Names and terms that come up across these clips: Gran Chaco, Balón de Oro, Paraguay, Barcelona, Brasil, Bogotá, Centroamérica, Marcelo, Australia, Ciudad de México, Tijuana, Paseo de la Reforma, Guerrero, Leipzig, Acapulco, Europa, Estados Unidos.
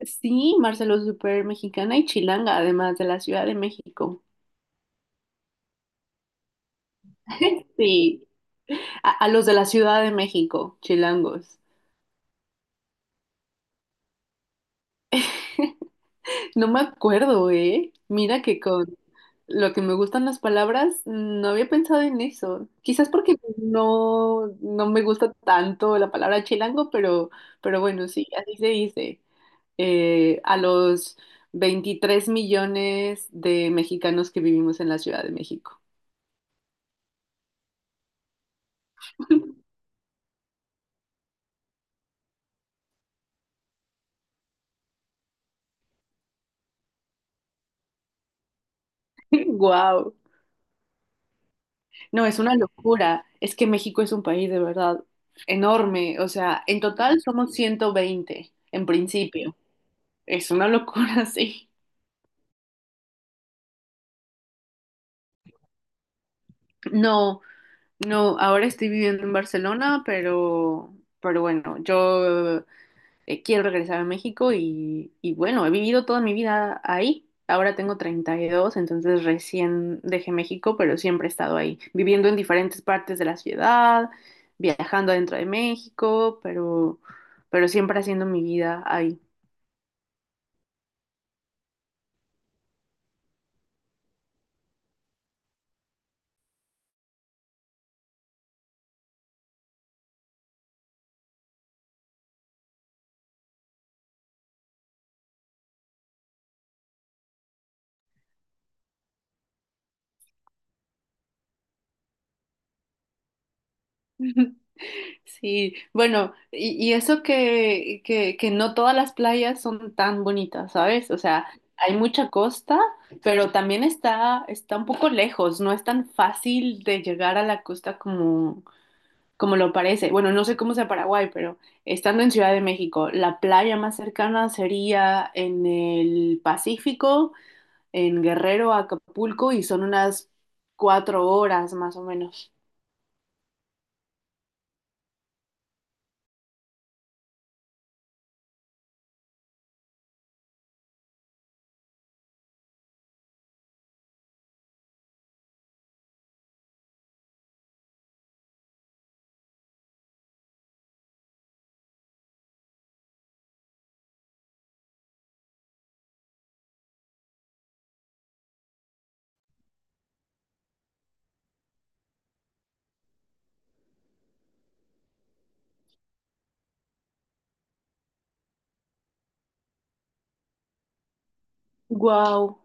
Sí, Marcelo, súper mexicana y chilanga, además de la Ciudad de México. Sí, a los de la Ciudad de México, chilangos. No me acuerdo, ¿eh? Mira que con lo que me gustan las palabras, no había pensado en eso. Quizás porque no, no me gusta tanto la palabra chilango, pero bueno, sí, así se dice. A los 23 millones de mexicanos que vivimos en la Ciudad de México. ¡Guau! No, es una locura. Es que México es un país de verdad enorme. O sea, en total somos 120 en principio. Es una locura, sí. No, no, ahora estoy viviendo en Barcelona, pero bueno, yo quiero regresar a México y bueno, he vivido toda mi vida ahí. Ahora tengo 32 entonces recién dejé México, pero siempre he estado ahí, viviendo en diferentes partes de la ciudad, viajando adentro de México, pero siempre haciendo mi vida ahí. Sí, bueno, y eso que no todas las playas son tan bonitas, ¿sabes? O sea, hay mucha costa, pero también está un poco lejos, no es tan fácil de llegar a la costa como lo parece. Bueno, no sé cómo sea Paraguay, pero estando en Ciudad de México, la playa más cercana sería en el Pacífico, en Guerrero, Acapulco, y son unas 4 horas más o menos. Wow.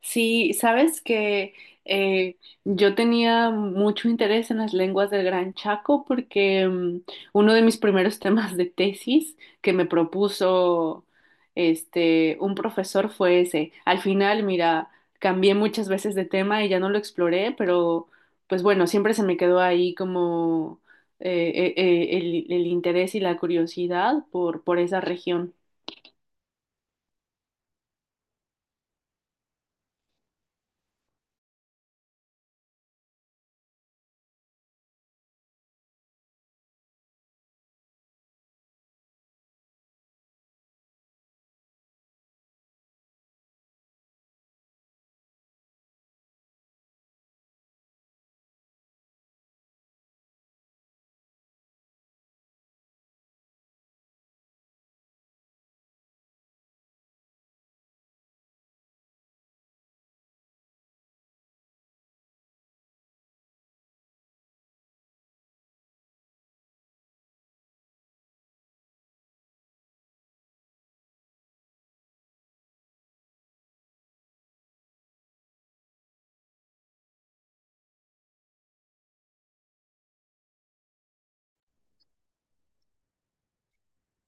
Sí, sabes que eh, yo tenía mucho interés en las lenguas del Gran Chaco porque uno de mis primeros temas de tesis que me propuso este un profesor fue ese. Al final, mira, cambié muchas veces de tema y ya no lo exploré, pero pues bueno, siempre se me quedó ahí como el interés y la curiosidad por esa región.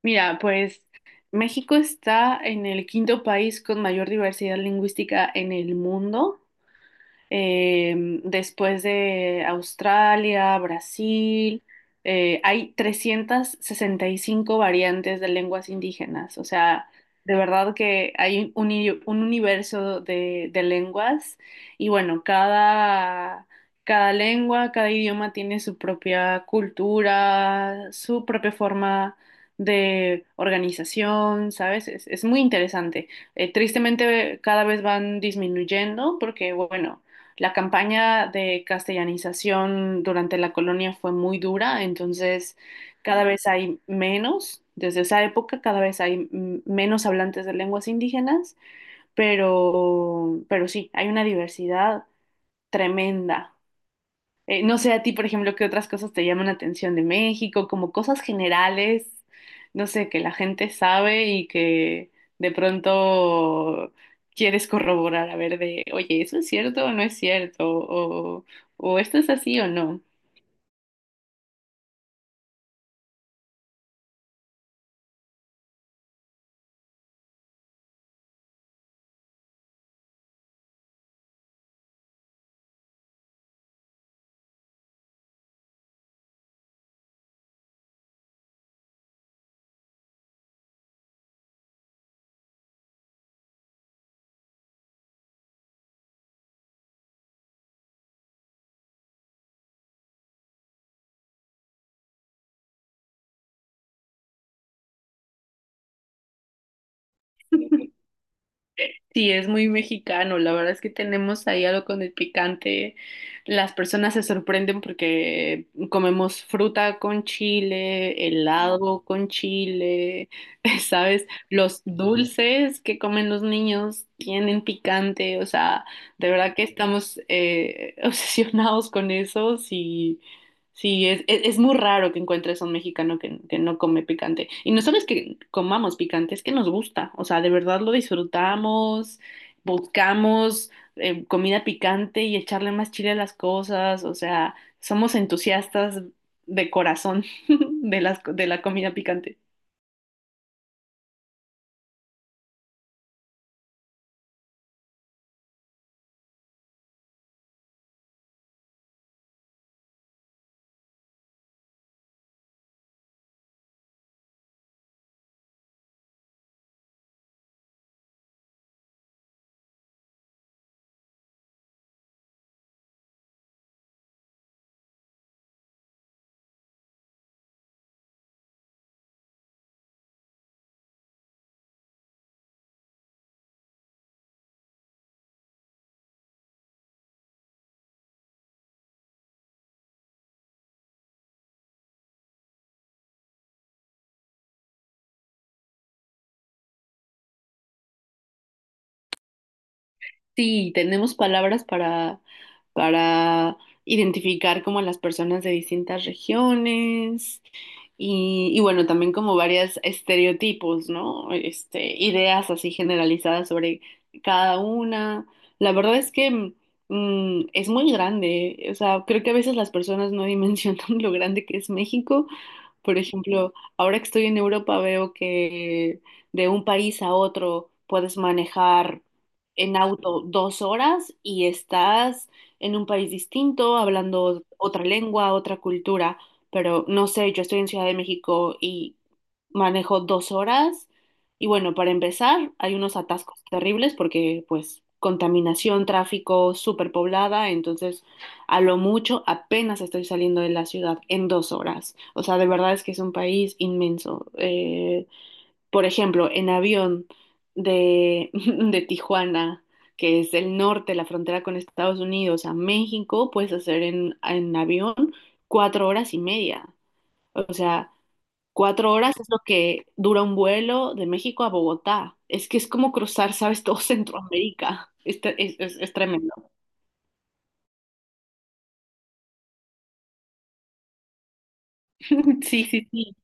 Mira, pues México está en el quinto país con mayor diversidad lingüística en el mundo. Eh, Después de Australia, Brasil, hay 365 variantes de lenguas indígenas. O sea, de verdad que hay un universo de lenguas. Y bueno, cada lengua, cada idioma tiene su propia cultura, su propia forma de organización, ¿sabes? Es muy interesante. Tristemente cada vez van disminuyendo porque, bueno, la campaña de castellanización durante la colonia fue muy dura, entonces cada vez hay menos, desde esa época cada vez hay menos hablantes de lenguas indígenas, pero sí, hay una diversidad tremenda. No sé a ti, por ejemplo, qué otras cosas te llaman la atención de México, como cosas generales, no sé, que la gente sabe y que de pronto quieres corroborar, a ver de, oye, ¿eso es cierto o no es cierto? O esto es así o no. Sí, es muy mexicano. La verdad es que tenemos ahí algo con el picante. Las personas se sorprenden porque comemos fruta con chile, helado con chile, ¿sabes? Los dulces que comen los niños tienen picante. O sea, de verdad que estamos obsesionados con eso. Sí. Sí, es muy raro que encuentres a un mexicano que no come picante. Y no solo es que comamos picante, es que nos gusta. O sea, de verdad lo disfrutamos, buscamos comida picante y echarle más chile a las cosas. O sea, somos entusiastas de corazón de la comida picante. Sí, tenemos palabras para identificar como a las personas de distintas regiones y bueno, también como varios estereotipos, ¿no? Este, ideas así generalizadas sobre cada una. La verdad es que es muy grande, o sea, creo que a veces las personas no dimensionan lo grande que es México por ejemplo, ahora que estoy en Europa veo que de un país a otro puedes manejar en auto 2 horas y estás en un país distinto, hablando otra lengua, otra cultura. Pero no sé, yo estoy en Ciudad de México y manejo 2 horas y bueno, para empezar, hay unos atascos terribles porque pues contaminación, tráfico, superpoblada, entonces a lo mucho apenas estoy saliendo de la ciudad en 2 horas. O sea, de verdad es que es un país inmenso. Por ejemplo, en avión de, de Tijuana, que es el norte, la frontera con Estados Unidos, a México, puedes hacer en avión 4 horas y media. O sea, 4 horas es lo que dura un vuelo de México a Bogotá. Es que es como cruzar, ¿sabes? Todo Centroamérica. Es tremendo. Sí, sí, sí.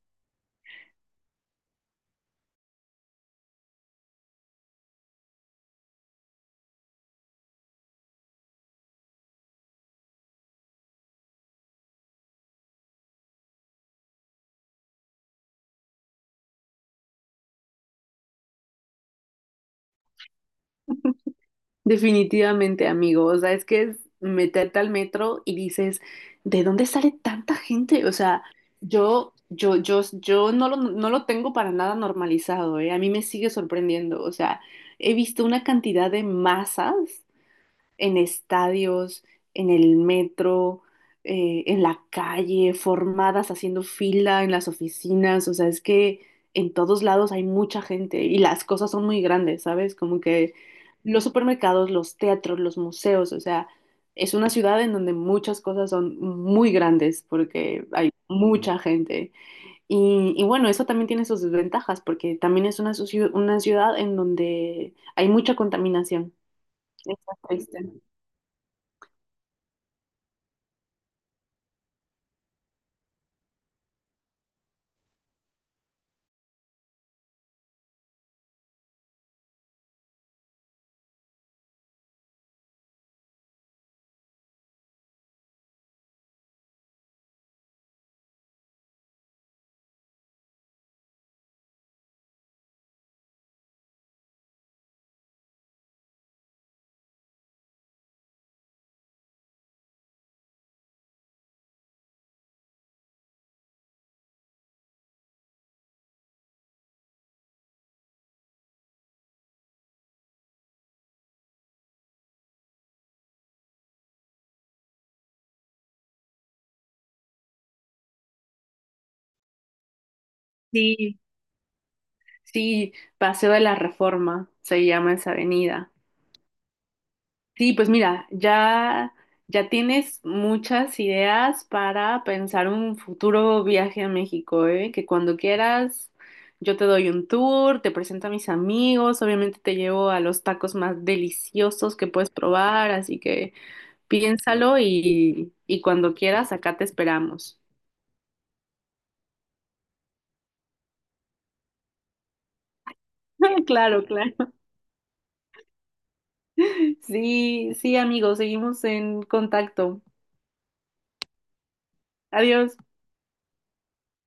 Definitivamente, amigo. O sea, es que es meterte al metro y dices, ¿de dónde sale tanta gente? O sea, yo no lo tengo para nada normalizado, ¿eh? A mí me sigue sorprendiendo. O sea, he visto una cantidad de masas en estadios, en el metro, en la calle, formadas haciendo fila en las oficinas, o sea, es que en todos lados hay mucha gente y las cosas son muy grandes, ¿sabes? Como que los supermercados, los teatros, los museos, o sea, es una ciudad en donde muchas cosas son muy grandes porque hay mucha gente. Y bueno, eso también tiene sus desventajas porque también es una ciudad en donde hay mucha contaminación. Está triste. Sí, sí, Paseo de la Reforma se llama esa avenida. Sí, pues mira, ya tienes muchas ideas para pensar un futuro viaje a México, ¿eh? Que cuando quieras yo te doy un tour, te presento a mis amigos, obviamente te llevo a los tacos más deliciosos que puedes probar, así que piénsalo y cuando quieras acá te esperamos. Claro, claro. Sí, sí, amigos, seguimos en contacto. Adiós.